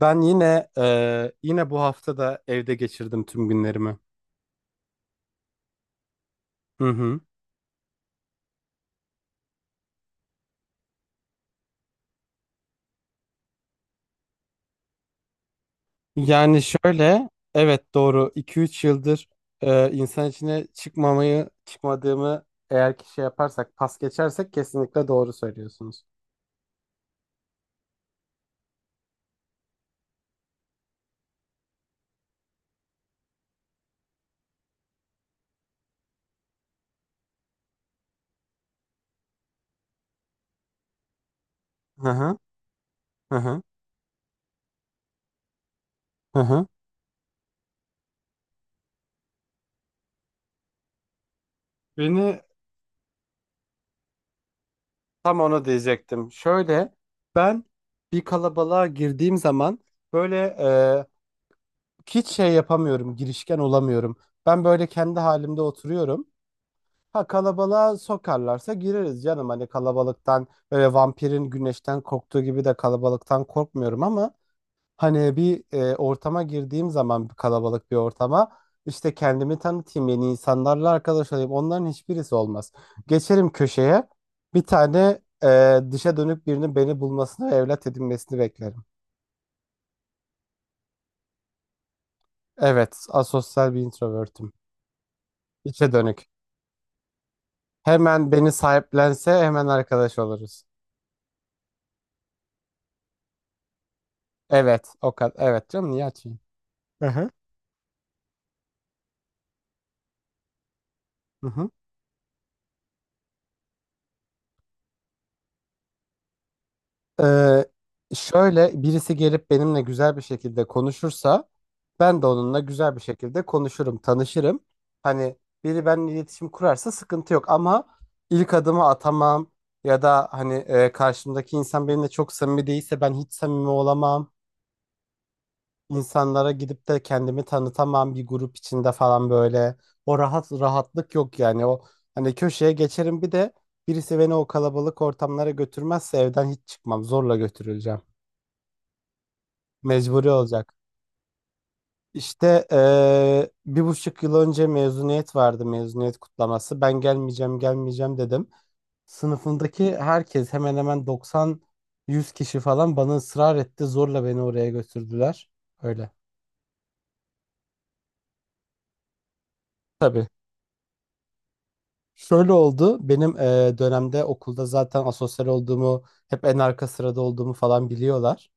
Ben yine yine bu hafta da evde geçirdim tüm günlerimi. Hı hı. Yani şöyle, evet doğru iki üç yıldır insan içine çıkmamayı çıkmadığımı eğer ki şey yaparsak pas geçersek kesinlikle doğru söylüyorsunuz. Hı hı, hı hı, hı hı. Beni tam onu diyecektim. Şöyle ben bir kalabalığa girdiğim zaman böyle hiç şey yapamıyorum, girişken olamıyorum. Ben böyle kendi halimde oturuyorum. Ha kalabalığa sokarlarsa gireriz canım. Hani kalabalıktan böyle vampirin güneşten korktuğu gibi de kalabalıktan korkmuyorum ama hani bir ortama girdiğim zaman bir kalabalık bir ortama işte kendimi tanıtayım yeni insanlarla arkadaş olayım onların hiçbirisi olmaz. Geçerim köşeye, bir tane dışa dönük birinin beni bulmasını ve evlat edinmesini beklerim. Evet asosyal bir introvertim. İçe dönük. Hemen beni sahiplense hemen arkadaş oluruz. Evet o kadar. Evet canım niye açayım? Aha, aha. Ee, Şöyle birisi gelip benimle güzel bir şekilde konuşursa ben de onunla güzel bir şekilde konuşurum, tanışırım. Hani biri benimle iletişim kurarsa sıkıntı yok ama ilk adımı atamam ya da hani karşımdaki insan benimle çok samimi değilse ben hiç samimi olamam. İnsanlara gidip de kendimi tanıtamam bir grup içinde falan böyle. O rahatlık yok yani. O hani köşeye geçerim, bir de birisi beni o kalabalık ortamlara götürmezse evden hiç çıkmam. Zorla götürüleceğim. Mecburi olacak. İşte bir buçuk yıl önce mezuniyet vardı, mezuniyet kutlaması. Ben gelmeyeceğim, gelmeyeceğim dedim. Sınıfımdaki herkes hemen hemen 90-100 kişi falan bana ısrar etti. Zorla beni oraya götürdüler. Öyle. Tabii. Şöyle oldu. Benim dönemde okulda zaten asosyal olduğumu, hep en arka sırada olduğumu falan biliyorlar.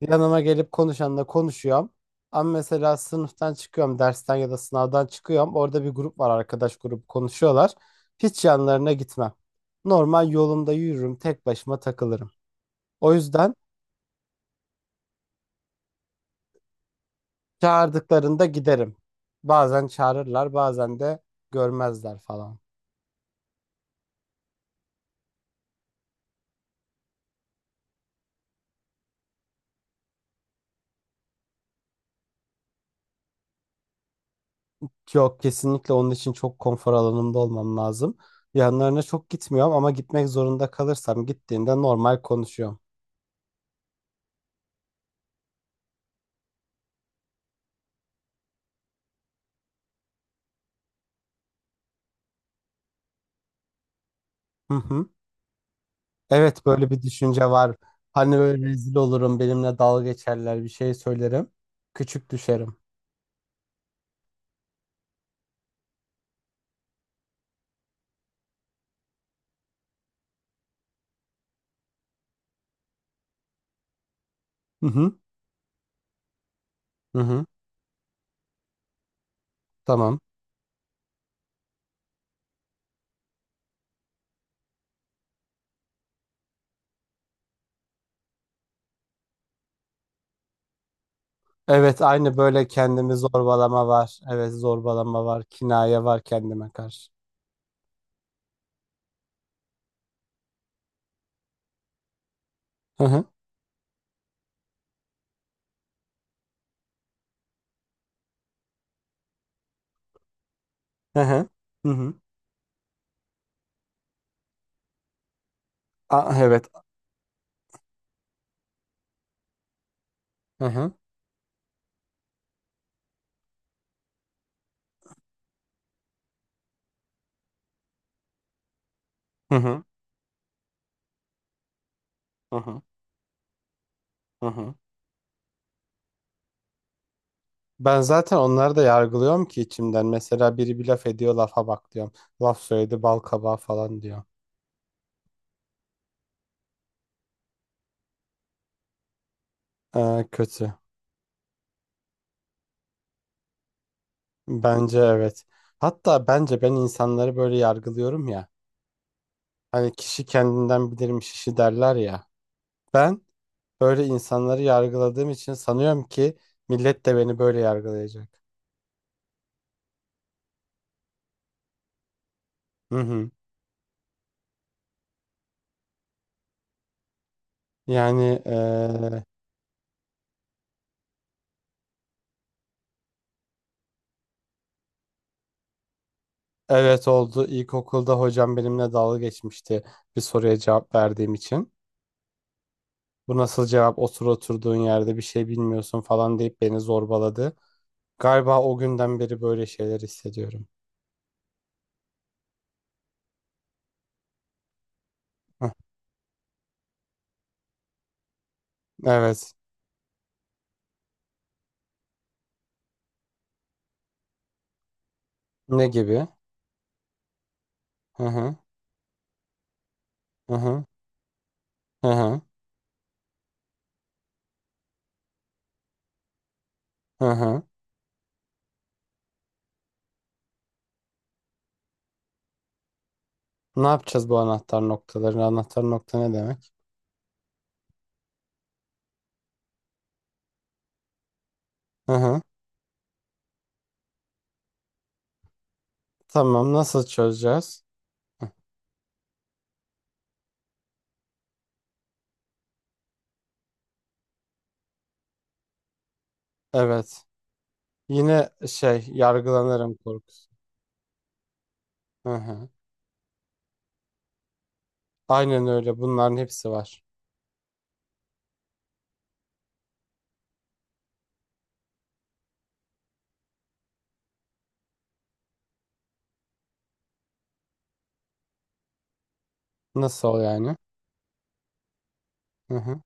Yanıma gelip konuşanla konuşuyorum. Ama mesela sınıftan çıkıyorum, dersten ya da sınavdan çıkıyorum. Orada bir grup var, arkadaş grubu konuşuyorlar. Hiç yanlarına gitmem. Normal yolumda yürürüm, tek başıma takılırım. O yüzden çağırdıklarında giderim. Bazen çağırırlar, bazen de görmezler falan. Yok, kesinlikle onun için çok konfor alanımda olmam lazım. Yanlarına çok gitmiyorum ama gitmek zorunda kalırsam gittiğinde normal konuşuyorum. Hı hı. Evet böyle bir düşünce var. Hani böyle rezil olurum, benimle dalga geçerler, bir şey söylerim. Küçük düşerim. Hı hı. Hı hı. Tamam. Evet aynı böyle kendimi zorbalama var. Evet zorbalama var. Kinaye var kendime karşı. Hı hı. Hı hı. Hı hı. Aa, evet. Hı hı. Hı hı. Hı hı. Hı hı. Ben zaten onları da yargılıyorum ki içimden. Mesela biri bir laf ediyor, lafa bak diyorum. Laf söyledi bal kabağı falan diyor. Kötü. Bence evet. Hatta bence ben insanları böyle yargılıyorum ya. Hani kişi kendinden bilirmiş işi derler ya. Ben böyle insanları yargıladığım için sanıyorum ki millet de beni böyle yargılayacak. Hı hı. Yani evet oldu. İlkokulda hocam benimle dalga geçmişti bir soruya cevap verdiğim için. Bu nasıl cevap? Otur oturduğun yerde bir şey bilmiyorsun falan deyip beni zorbaladı. Galiba o günden beri böyle şeyler hissediyorum. Heh, evet. Ne gibi? Hı hı. Hı hı. Hı hı. Hı hı. Ne yapacağız bu anahtar noktaları? Anahtar nokta ne demek? Hı hı. Tamam. Nasıl çözeceğiz? Evet. Yine şey yargılanırım korkusu. Hı hı. Aynen öyle. Bunların hepsi var. Nasıl yani? Hı hı.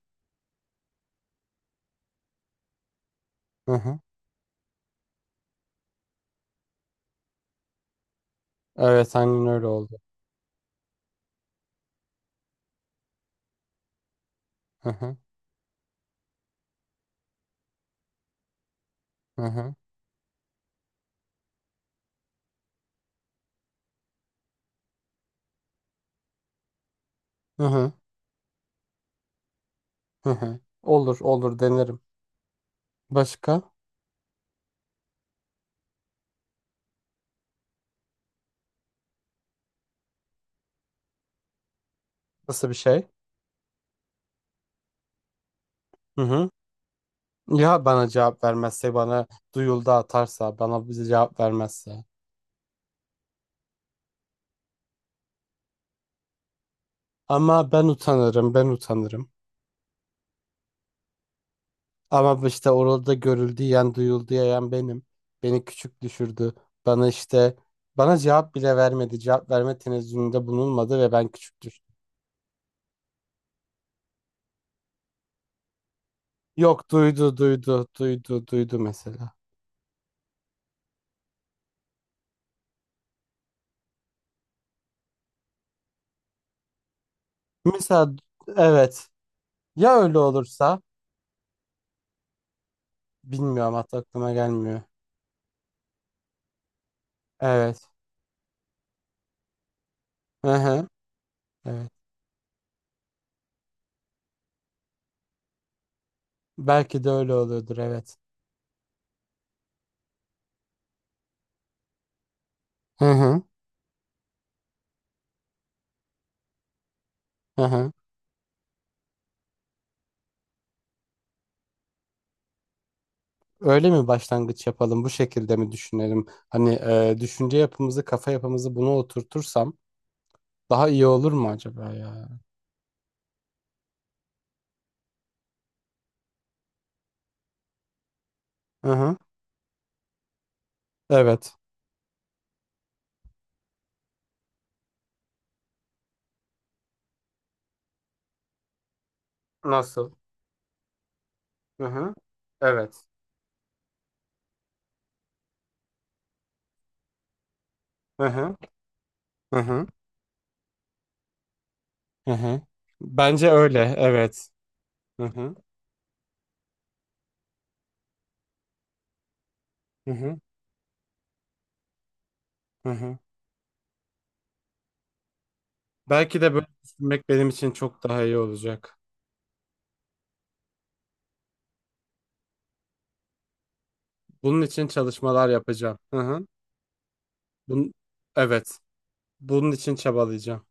Hı hı. Evet aynen öyle oldu. Hı hı. Hı hı. Hı hı. Hı hı. Olur olur, denerim. Başka? Nasıl bir şey? Hı hı. Ya bana cevap vermezse, bana duyuldu atarsa, bana bize cevap vermezse. Ama ben utanırım, ben utanırım. Ama işte orada görüldü yiyen, duyuldu yiyen benim. Beni küçük düşürdü. Bana işte bana cevap bile vermedi. Cevap verme tenezzülünde bulunmadı ve ben küçük düştüm. Yok duydu, duydu, duydu, duydu mesela. Mesela evet, ya öyle olursa bilmiyorum, hatta aklıma gelmiyor. Evet. Hı hı. Evet. Belki de öyle oluyordur, evet. Hı hı. Hı hı. Öyle mi, başlangıç yapalım? Bu şekilde mi düşünelim? Hani düşünce yapımızı, kafa yapımızı buna oturtursam daha iyi olur mu acaba ya? Hı hı. Evet. Nasıl? Hı hı. Evet. Hı hı. Hı hı. Hı hı. Bence öyle. Evet. Hı hı. Hı hı. Hı hı. Belki de böyle düşünmek benim için çok daha iyi olacak. Bunun için çalışmalar yapacağım. Hı hı. Bun evet. Bunun için çabalayacağım.